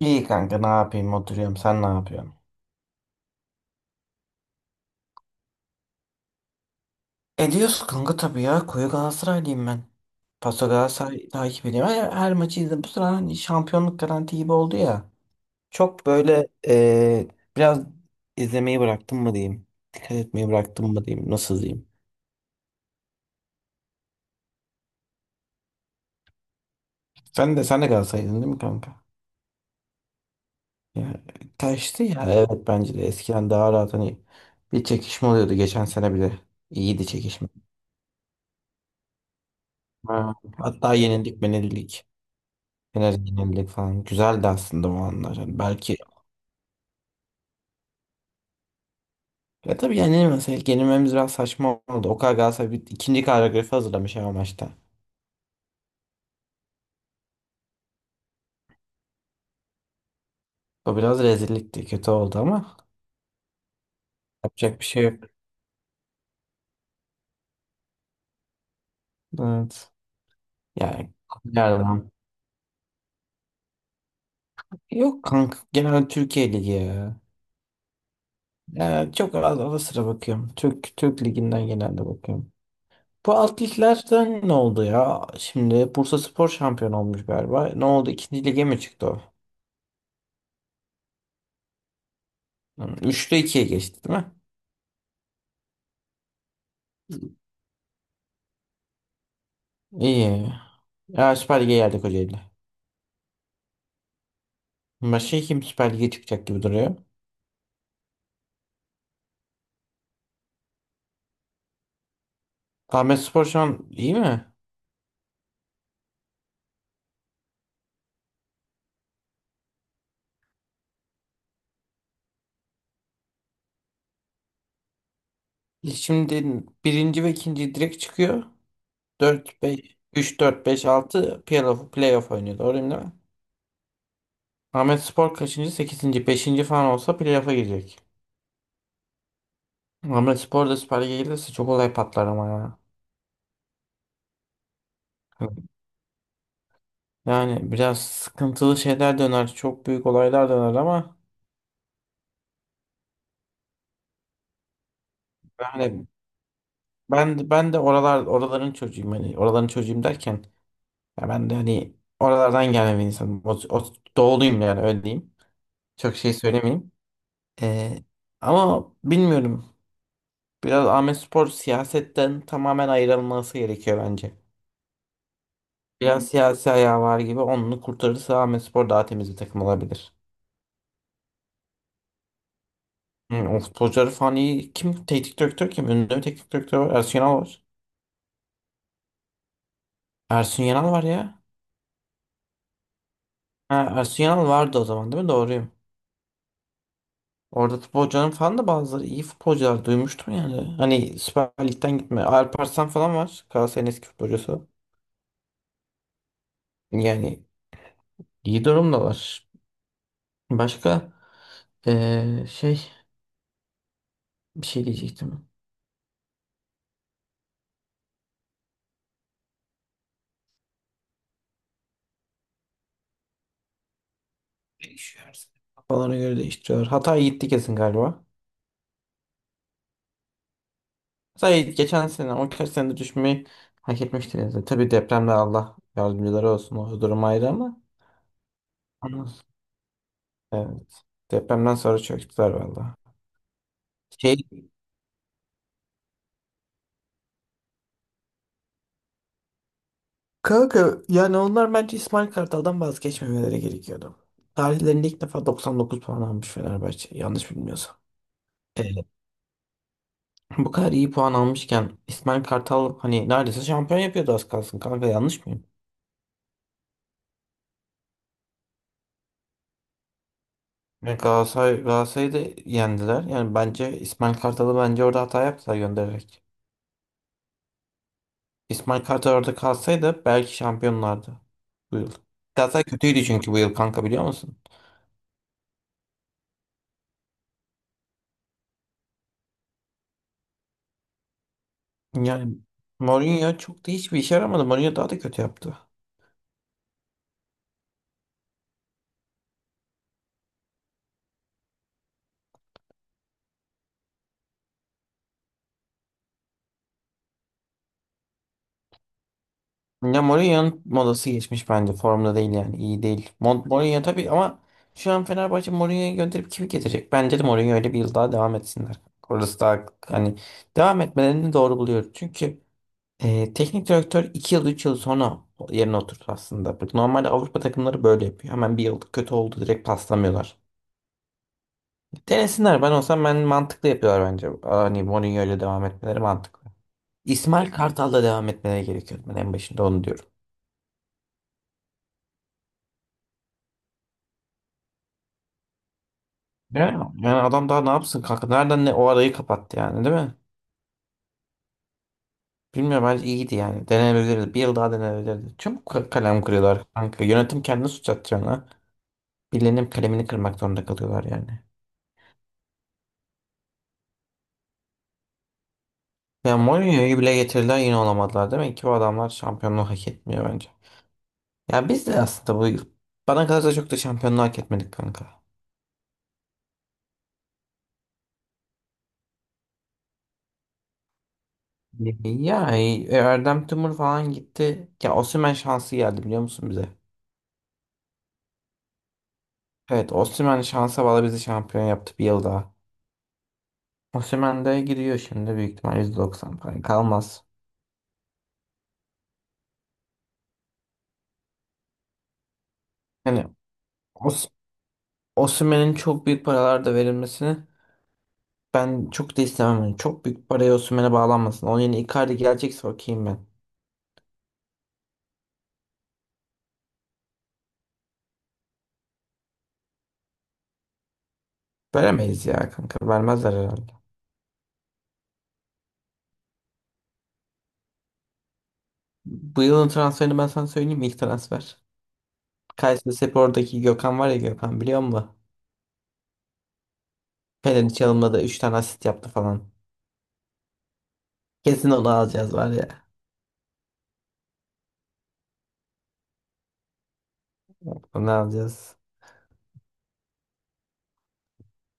İyi kanka ne yapayım oturuyorum sen ne yapıyorsun? Ediyoruz kanka tabii ya koyu Galatasaraylıyım ben. Paso Galatasaray takip ediyorum. Her maçı izledim. Bu sıra hani şampiyonluk garanti gibi oldu ya. Çok böyle biraz izlemeyi bıraktım mı diyeyim. Dikkat etmeyi bıraktım mı diyeyim. Nasıl diyeyim. Sen de Galatasaray'dın değil mi kanka? Ya, kaçtı ya. Evet bence de eskiden daha rahat hani bir çekişme oluyordu. Geçen sene bile iyiydi çekişme. Ha. Hatta yenildik menildik. Biraz yenilik falan. Güzeldi aslında o anlar. Yani belki. Ya, tabii yenilmeseydik yenilmemiz biraz saçma oldu. O kadar Galatasaray bir ikinci koreografi hazırlamış ama maçta. O biraz rezillikti. Kötü oldu ama yapacak bir şey yok. Evet. Yani yardım. Yok kanka genel Türkiye Ligi ya. Yani çok az ara sıra bakıyorum. Türk Ligi'nden genelde bakıyorum. Bu alt liglerden ne oldu ya? Şimdi Bursaspor şampiyon olmuş galiba. Ne oldu? İkinci lige mi çıktı o? Hı, üçte ikiye geçti değil mi? İyi. Ya Süper Lig'e geldik Kocaeli'ne. Başka kim Süper Lig'e çıkacak gibi duruyor. Ahmetspor şu an iyi mi? Şimdi birinci ve ikinci direkt çıkıyor. 4 5 3 4 5 6 playoff oynuyor. Doğru değil mi? Ahmetspor kaçıncı? 8. 5. falan olsa playoff'a girecek. Ahmetspor da Süper Lig'e gelirse çok olay patlar ama ya. Yani biraz sıkıntılı şeyler döner. Çok büyük olaylar döner ama yani ben de oraların çocuğuyum, hani oraların çocuğuyum derken ya ben de hani oralardan gelme bir insanım. Doğuluyum yani, öyle diyeyim. Çok şey söylemeyeyim. Ee, ama bilmiyorum. Biraz Ahmetspor siyasetten tamamen ayrılması gerekiyor bence. Biraz siyasi ayağı var gibi, onu kurtarırsa Ahmetspor daha temiz bir takım olabilir. Hı, o futbolcuları falan iyi. Kim? Teknik direktör kim? Ünlü bir teknik direktör var. Ersun Yanal var. Ersun Yanal var ya. Ha, Ersun Yanal vardı o zaman değil mi? Doğruyum. Orada futbolcuların falan da bazıları iyi futbolcular duymuştum yani. Hani Süper Lig'den gitme. Alparslan falan var. Galatasaray'ın eski futbolcusu. Yani iyi durumda var. Başka eee, şey bir şey diyecektim. Değişiyor her sene. Kafalarına göre değiştiriyorlar. Hatay gitti kesin galiba. Hatay geçen sene 12 senede düşmeyi hak etmişti. Yani. Tabii depremde Allah yardımcıları olsun. O durum ayrı ama. Anladım. Evet. Depremden sonra çöktüler valla. Kanka yani onlar bence İsmail Kartal'dan vazgeçmemeleri gerekiyordu. Tarihlerinde ilk defa 99 puan almış Fenerbahçe yanlış bilmiyorsam. Ee, bu kadar iyi puan almışken İsmail Kartal hani neredeyse şampiyon yapıyordu az kalsın kanka, yanlış mıyım? Yani Galatasaray'ı da yendiler. Yani bence İsmail Kartal'ı bence orada hata yaptılar göndererek. İsmail Kartal orada kalsaydı belki şampiyonlardı bu yıl. Galatasaray kötüydü çünkü bu yıl kanka, biliyor musun? Yani Mourinho çok da hiçbir işe yaramadı. Mourinho daha da kötü yaptı. Ya Mourinho'nun modası geçmiş bence. Formda değil yani. İyi değil. Mourinho tabii, ama şu an Fenerbahçe Mourinho'yu gönderip kimi getirecek? Bence de Mourinho öyle bir yıl daha devam etsinler. Orası daha hani devam etmelerini doğru buluyorum. Çünkü teknik direktör 2 yıl 3 yıl sonra yerine oturdu aslında. Bak, normalde Avrupa takımları böyle yapıyor. Hemen bir yıl kötü oldu direkt paslamıyorlar. Denesinler, ben olsam ben mantıklı yapıyorlar bence. Hani Mourinho ile devam etmeleri mantıklı. İsmail Kartal'la devam etmeleri gerekiyordu. Ben en başında onu diyorum. Ya, yani adam daha ne yapsın kanka? Nereden ne, o arayı kapattı yani, değil mi? Bilmiyorum, bence iyiydi yani. Denenebilirdi. Bir yıl daha denenebilirdi. Çabuk kalem kırıyorlar kanka. Yönetim kendini suç atacağına birilerinin kalemini kırmak zorunda kalıyorlar yani. Ya Mourinho'yu bile getirdiler yine olamadılar. Demek ki bu adamlar şampiyonluğu hak etmiyor bence. Ya biz de aslında bu yıl bana kalırsa çok da şampiyonluğu hak etmedik kanka. Ya Erdem Tümur falan gitti. Ya Osimhen şansı geldi, biliyor musun bize? Evet, Osimhen şansa bağlı bizi şampiyon yaptı bir yıl daha. Osimhen de gidiyor şimdi, büyük ihtimal %90 falan kalmaz. Yani Os Osimhen'in çok büyük paralar da verilmesini ben çok da istemem. Yani çok büyük paraya Osimhen'e bağlanmasın. Onun yerine Icardi gelecekse okeyim ben. Veremeyiz ya kanka. Vermezler herhalde. Bu yılın transferini ben sana söyleyeyim mi? İlk transfer. Kayserispor'daki Gökhan var ya, Gökhan biliyor musun? Fener'in çalımladı, 3 tane asist yaptı falan. Kesin onu alacağız var ya. Onu alacağız.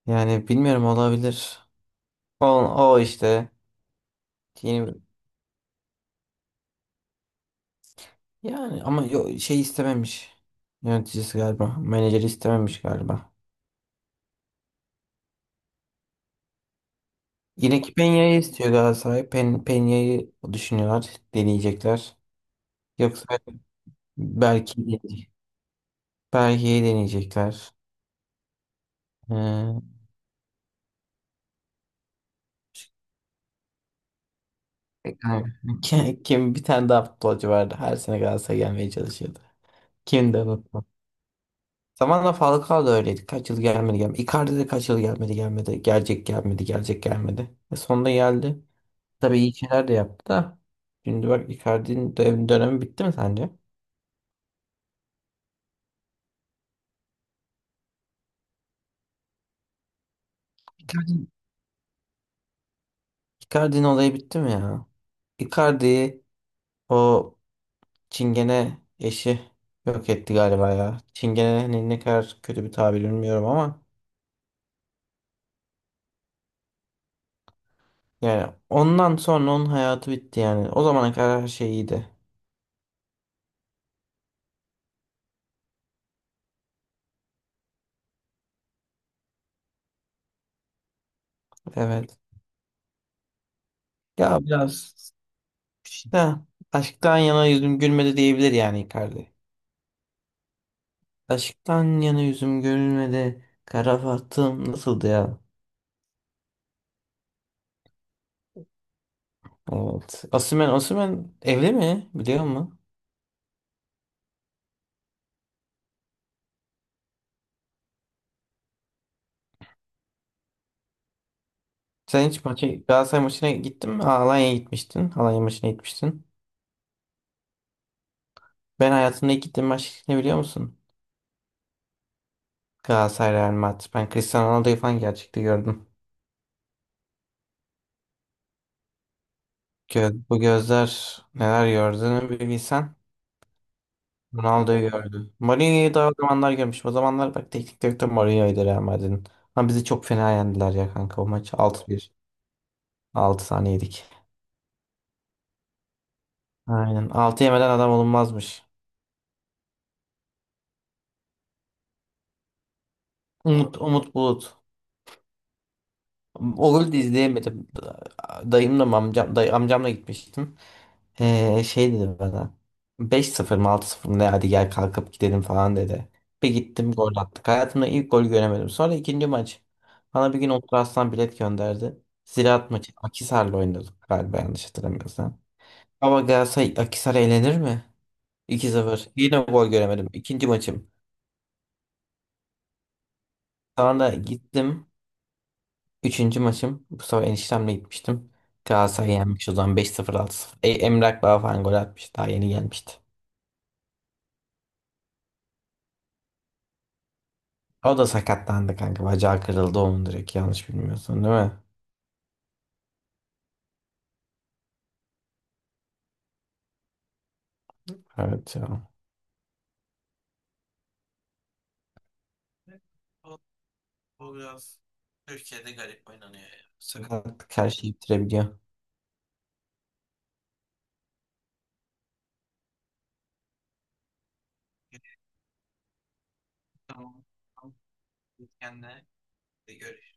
Yani bilmiyorum, olabilir. O, işte. Yeni, yani ama şey istememiş. Yöneticisi galiba. Menajeri istememiş galiba. Yine ki Peña'yı istiyor Galatasaray. Peña'yı düşünüyorlar. Deneyecekler. Yoksa belki değil. Belgeyi deneyecekler. Ee, yani kim bir tane daha futbolcu vardı. Her sene Galatasaray'a gelmeye çalışıyordu. Kim de unutma. Zamanla Falcao da öyleydi. Kaç yıl gelmedi gelmedi. Icardi de kaç yıl gelmedi gelmedi. Gelecek gelmedi gelecek gelmedi. E sonunda geldi. Tabii iyi şeyler de yaptı da. Şimdi bak, Icardi'nin dönemi bitti mi sence? Icardi Icardi'nin olayı bitti mi ya? Icardi'yi o Çingene eşi yok etti galiba ya. Çingene ne kadar kötü bir tabir bilmiyorum ama yani ondan sonra onun hayatı bitti yani. O zamana kadar her şey iyiydi. Evet. Ya biraz işte aşktan yana yüzüm gülmedi diyebilir yani Icardi. Aşktan yana yüzüm gülmedi. Kara Fatım nasıldı ya? Evet. Osimhen evli mi? Biliyor musun? Sen hiç Galatasaray maçına gittin mi? Aa, Alanya'ya gitmiştin. Alanya maçına gitmiştin. Ben hayatımda ilk gittiğim maç ne, biliyor musun? Galatasaray Real Madrid. Ben Cristiano Ronaldo'yu falan gerçekte gördüm. Bu gözler neler gördüğünü bir bilsen. Ronaldo'yu gördü. Mourinho'yu daha o zamanlar görmüş. O zamanlar bak teknik direktör Mourinho'ydu Real Madrid'in. Ama bizi çok fena yendiler ya kanka o maç. 6-1, altı tane yedik. Aynen. Altı yemeden adam olunmazmış. Umut Bulut. O golü de izleyemedim. Dayımla mı amcamla gitmiştim. Şey dedi bana. 5-0, mı 6-0 mı ne, hadi gel kalkıp gidelim falan dedi. Bir gittim gol attık. Hayatımda ilk gol göremedim. Sonra ikinci maç. Bana bir gün Otur Aslan bilet gönderdi. Ziraat maçı Akhisar'la oynadık galiba yanlış hatırlamıyorsam. Ama Galatasaray Akhisar eğlenir mi? 2-0. Yine gol göremedim. İkinci maçım. Sonra gittim. Üçüncü maçım. Bu sefer eniştemle gitmiştim. Galatasaray yenmiş o zaman beş sıfır altı. 0 E, Emrah Baba falan gol atmış. Daha yeni gelmişti. O da sakatlandı kanka. Bacağı kırıldı onun direkt, yanlış bilmiyorsun değil mi? Evet ya. O, o biraz Türkiye'de garip oynanıyor ya. Sakatlık her şeyi bitirebiliyor. Tamam. Tamam. Kendine de görüş.